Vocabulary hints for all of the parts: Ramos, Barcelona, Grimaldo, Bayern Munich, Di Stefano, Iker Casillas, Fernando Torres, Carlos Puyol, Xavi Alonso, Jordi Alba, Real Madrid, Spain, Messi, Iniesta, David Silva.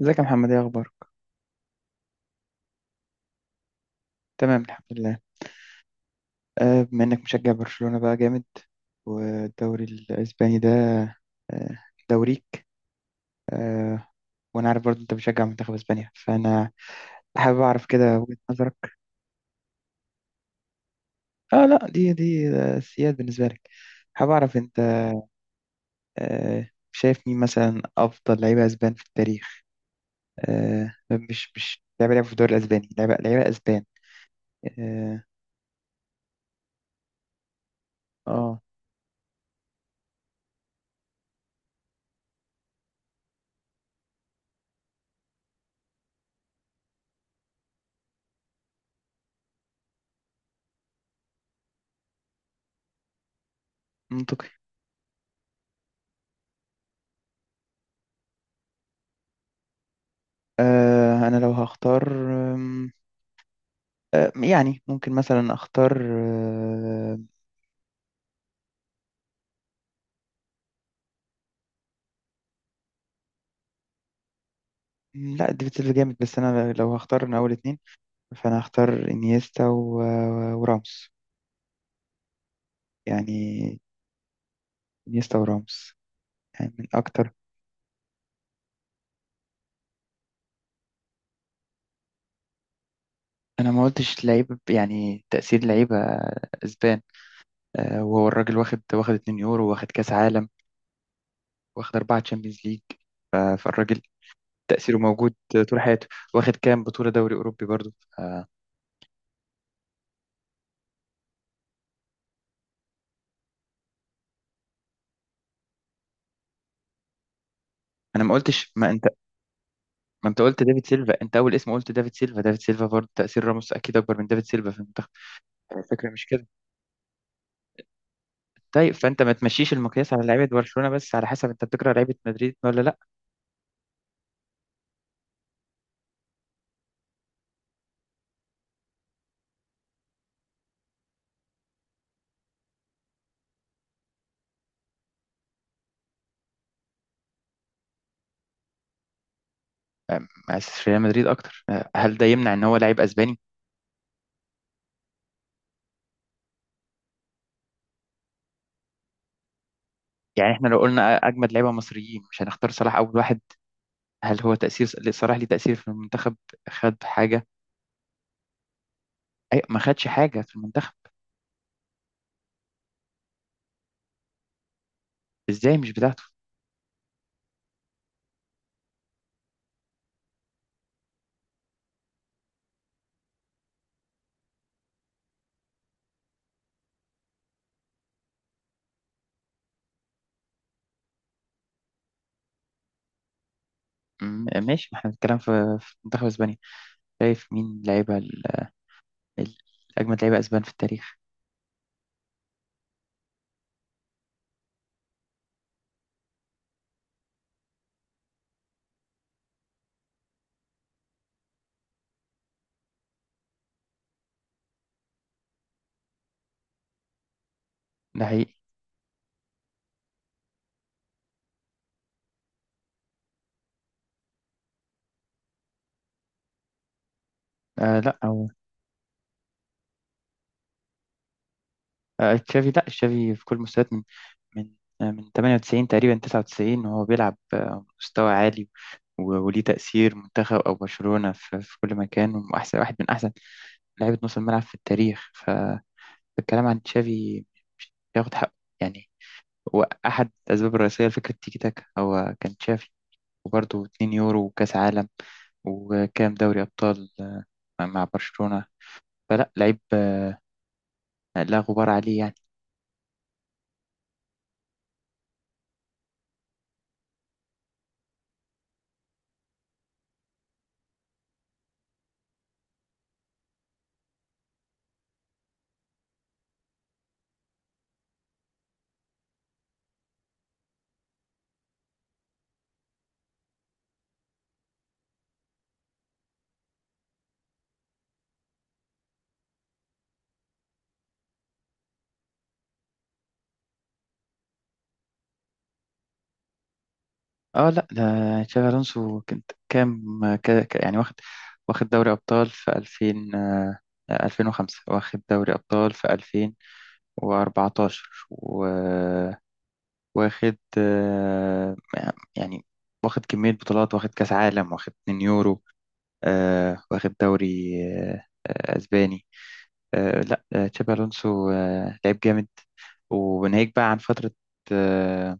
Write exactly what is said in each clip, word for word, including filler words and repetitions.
ازيك يا محمد، ايه اخبارك؟ تمام الحمد لله. آه، بما انك مشجع برشلونة بقى جامد والدوري الاسباني ده، آه، دوريك، آه، وانا عارف برضه انت بتشجع منتخب اسبانيا، فانا حابب اعرف كده وجهة نظرك. اه لا، دي دي آه، سياد بالنسبة لك. حابب اعرف انت آه، شايف مين مثلا افضل لعيبة اسبان في التاريخ. آه، مش مش لعيبة لعبوا في الدوري الاسباني، لعيبة لعيبة اسبان. اه. آه، منطقي. آه، انا لو هختار، آه، يعني ممكن مثلا اختار آه، لا ديفيد سيلفا جامد، بس انا لو هختار من اول اتنين فانا هختار انيستا و... وراموس يعني. انيستا وراموس، يعني من اكتر. انا ما قلتش لعيبه، يعني تاثير لعيبه اسبان. آه، وهو الراجل واخد واخد 2 يورو، واخد كاس عالم، واخد اربعه تشامبيونز ليج. فالراجل تاثيره موجود طول حياته. واخد كام بطوله دوري اوروبي برضو. آه، انا ما قلتش ما ما انت قلت دافيد سيلفا. انت اول اسم قلت دافيد سيلفا دافيد سيلفا برضه، تأثير راموس اكيد اكبر من دافيد سيلفا في المنتخب. يعني الفكرة مش كده. طيب فانت ما تمشيش المقياس على لعيبة برشلونة بس، على حسب انت بتكره لعيبة مدريد ولا لا؟ أم، مؤسس ريال مدريد اكتر، أه، هل ده يمنع ان هو لعيب اسباني؟ يعني احنا لو قلنا اجمد لعيبة مصريين، مش هنختار صلاح اول واحد؟ هل هو تأثير صلاح ليه تأثير في المنتخب؟ خد حاجة؟ اي ما خدش حاجة في المنتخب. ازاي مش بتاعته. م- ماشي، ما احنا بنتكلم في في منتخب اسبانيا. شايف مين لعيبة ال- ال- اجمد لعيبة اسبان في التاريخ. ده حقيقي. آه لا او. آه تشافي، لا تشافي في كل المستويات، من من آه من تمانية وتسعين تقريبا، تسعة وتسعين وهو بيلعب آه مستوى عالي، و- وليه تأثير منتخب أو برشلونة في, في كل مكان، وأحسن واحد من أحسن لعيبة نص الملعب في التاريخ. فالكلام عن تشافي ياخد حقه يعني. هو أحد الأسباب الرئيسية لفكرة تيكي تاكا هو كان تشافي. وبرضه 2 يورو وكأس عالم، وكام دوري أبطال آه، مع برشلونة. فلا لعيب آه، لا غبار عليه يعني. اه لا، ده تشافي الونسو. كنت كام ك- ك- يعني واخد، واخد دوري ابطال في ألفين، آه، ألفين وخمسة واخد دوري ابطال في ألفين وأربعة عشر، وواخد آه، يعني واخد كمية بطولات، واخد كاس عالم، واخد 2 يورو، آه، واخد دوري آه، آه، اسباني. آه، لا آه، تشابي الونسو آه، لعيب جامد. وناهيك بقى عن فترة آه،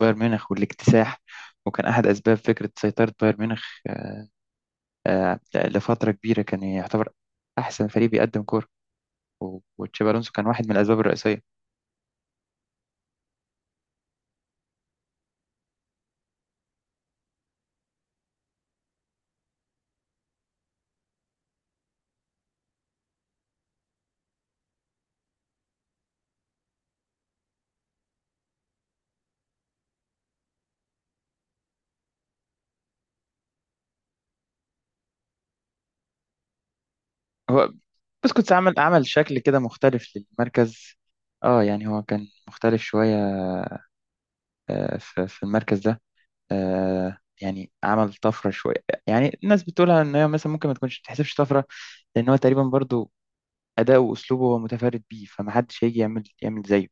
بايرن ميونخ والاكتساح، وكان أحد أسباب فكرة سيطرة بايرن ميونخ آه، لفترة كبيرة. كان يعتبر أحسن فريق بيقدم كورة، و- وتشابي ألونسو كان واحد من الأسباب الرئيسية. هو بس كنت عمل عمل شكل كده مختلف للمركز. اه يعني هو كان مختلف شوية، آه، في في المركز ده. آه، يعني عمل طفرة شوية. يعني الناس بتقولها ان هي مثلا ممكن ما تكونش تحسبش طفرة، لان هو تقريبا برضو أداؤه وأسلوبه هو متفرد بيه. فمحدش هيجي يعمل يعمل زيه.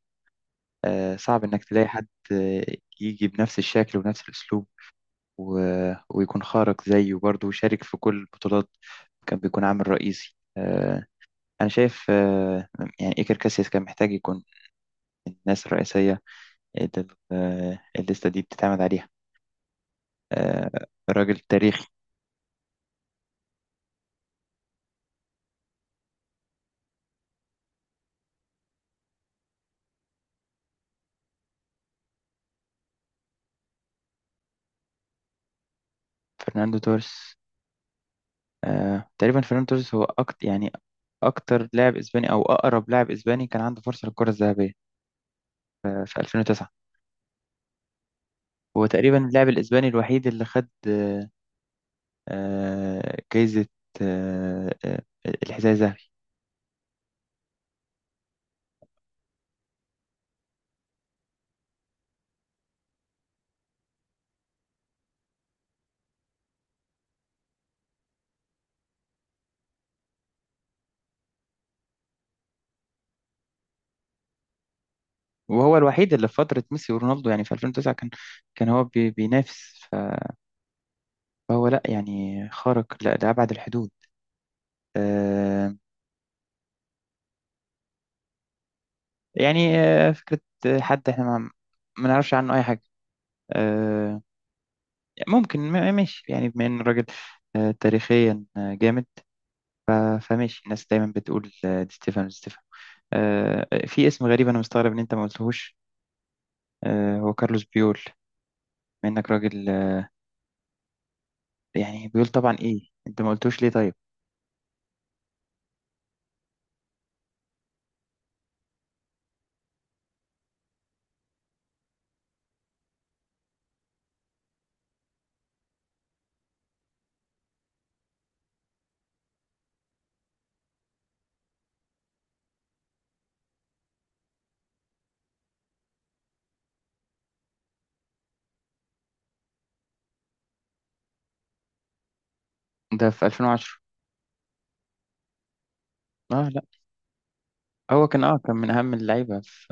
آه، صعب إنك تلاقي حد آه، يجي بنفس الشكل ونفس الأسلوب و- ويكون خارق زيه برضه. وشارك في كل البطولات، كان بيكون عامل رئيسي. آه، أنا شايف آه، يعني إيكر كاسياس كان محتاج يكون من الناس الرئيسية اللي آه، الليستة دي بتتعمد عليها. آه، راجل تاريخي. فرناندو توريس. آه، تقريبا فرناندو توريس هو أكتر، يعني أكتر لاعب إسباني، أو أقرب لاعب إسباني كان عنده فرصة للكرة الذهبية آه، في ألفين وتسعة. هو تقريبا اللاعب الإسباني الوحيد اللي خد آه، آه، جايزة آه، آه، الحذاء الذهبي. وهو الوحيد اللي في فترة ميسي ورونالدو، يعني في ألفين وتسعة، كان كان هو بي- بينافس، ف- فهو لا يعني خارق لا- لأبعد الحدود. آه، يعني آه، فكرة آه، حد احنا ما ما نعرفش عنه أي حاجة. آه، ممكن ما- ماشي يعني، بما إن الراجل آه، تاريخيا آه، جامد. ف- فماشي الناس دايما بتقول آه، دي ستيفانو دي ستيفانو. آه، في اسم غريب أنا مستغرب إن أنت ما قلتهوش، آه، هو كارلوس بيول. بما إنك راجل، يعني بيقول طبعا ايه انت ما قلتوش ليه طيب. ده في ألفين وعشرة. اه لا، هو كان اه كان من اهم اللعيبه في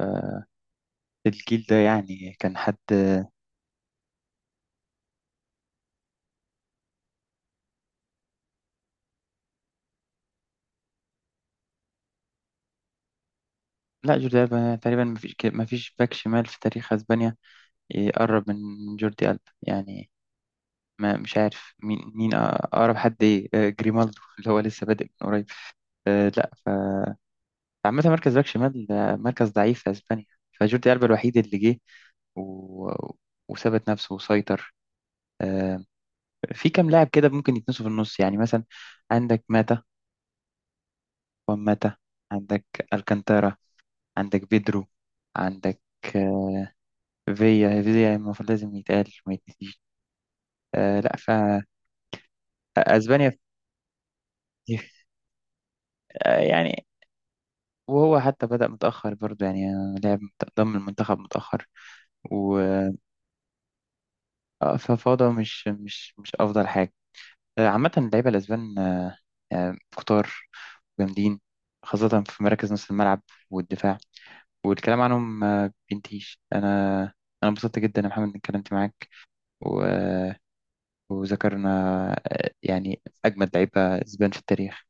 في الجيل ده يعني. كان حد، لا جوردي ألبا تقريبا. ما فيش ما فيش باك شمال في تاريخ اسبانيا يقرب من جوردي ألبا يعني. ما مش عارف مين مين اقرب حد، ايه آه، جريمالدو اللي هو لسه بادئ من قريب. آه، لا. فعامة مركز باك شمال آه، مركز ضعيف في اسبانيا. فجوردي ألبا الوحيد اللي جه و... وثبت نفسه وسيطر. آه، في كام لاعب كده ممكن يتنسوا في النص، يعني مثلا عندك ماتا، وان ماتا، عندك الكانتارا، عندك بيدرو، عندك آه، فيا. فيا المفروض لازم يتقال، ما يتنسيش. آه لا، ف اسبانيا فيه- آه يعني. وهو حتى بدأ متأخر برضه يعني، آه، لعب مت- ضم المنتخب متأخر و آه، ففوضى مش مش مش أفضل حاجة. آه، عامة اللعيبة الأسبان آه، آه، كتار جامدين، خاصة في مراكز نص الملعب والدفاع. والكلام عنهم ما بينتهيش. انا، انا انبسطت جدا يا محمد اني اتكلمت معاك و... وذكرنا آه، يعني اجمد لعيبه اسبان في التاريخ.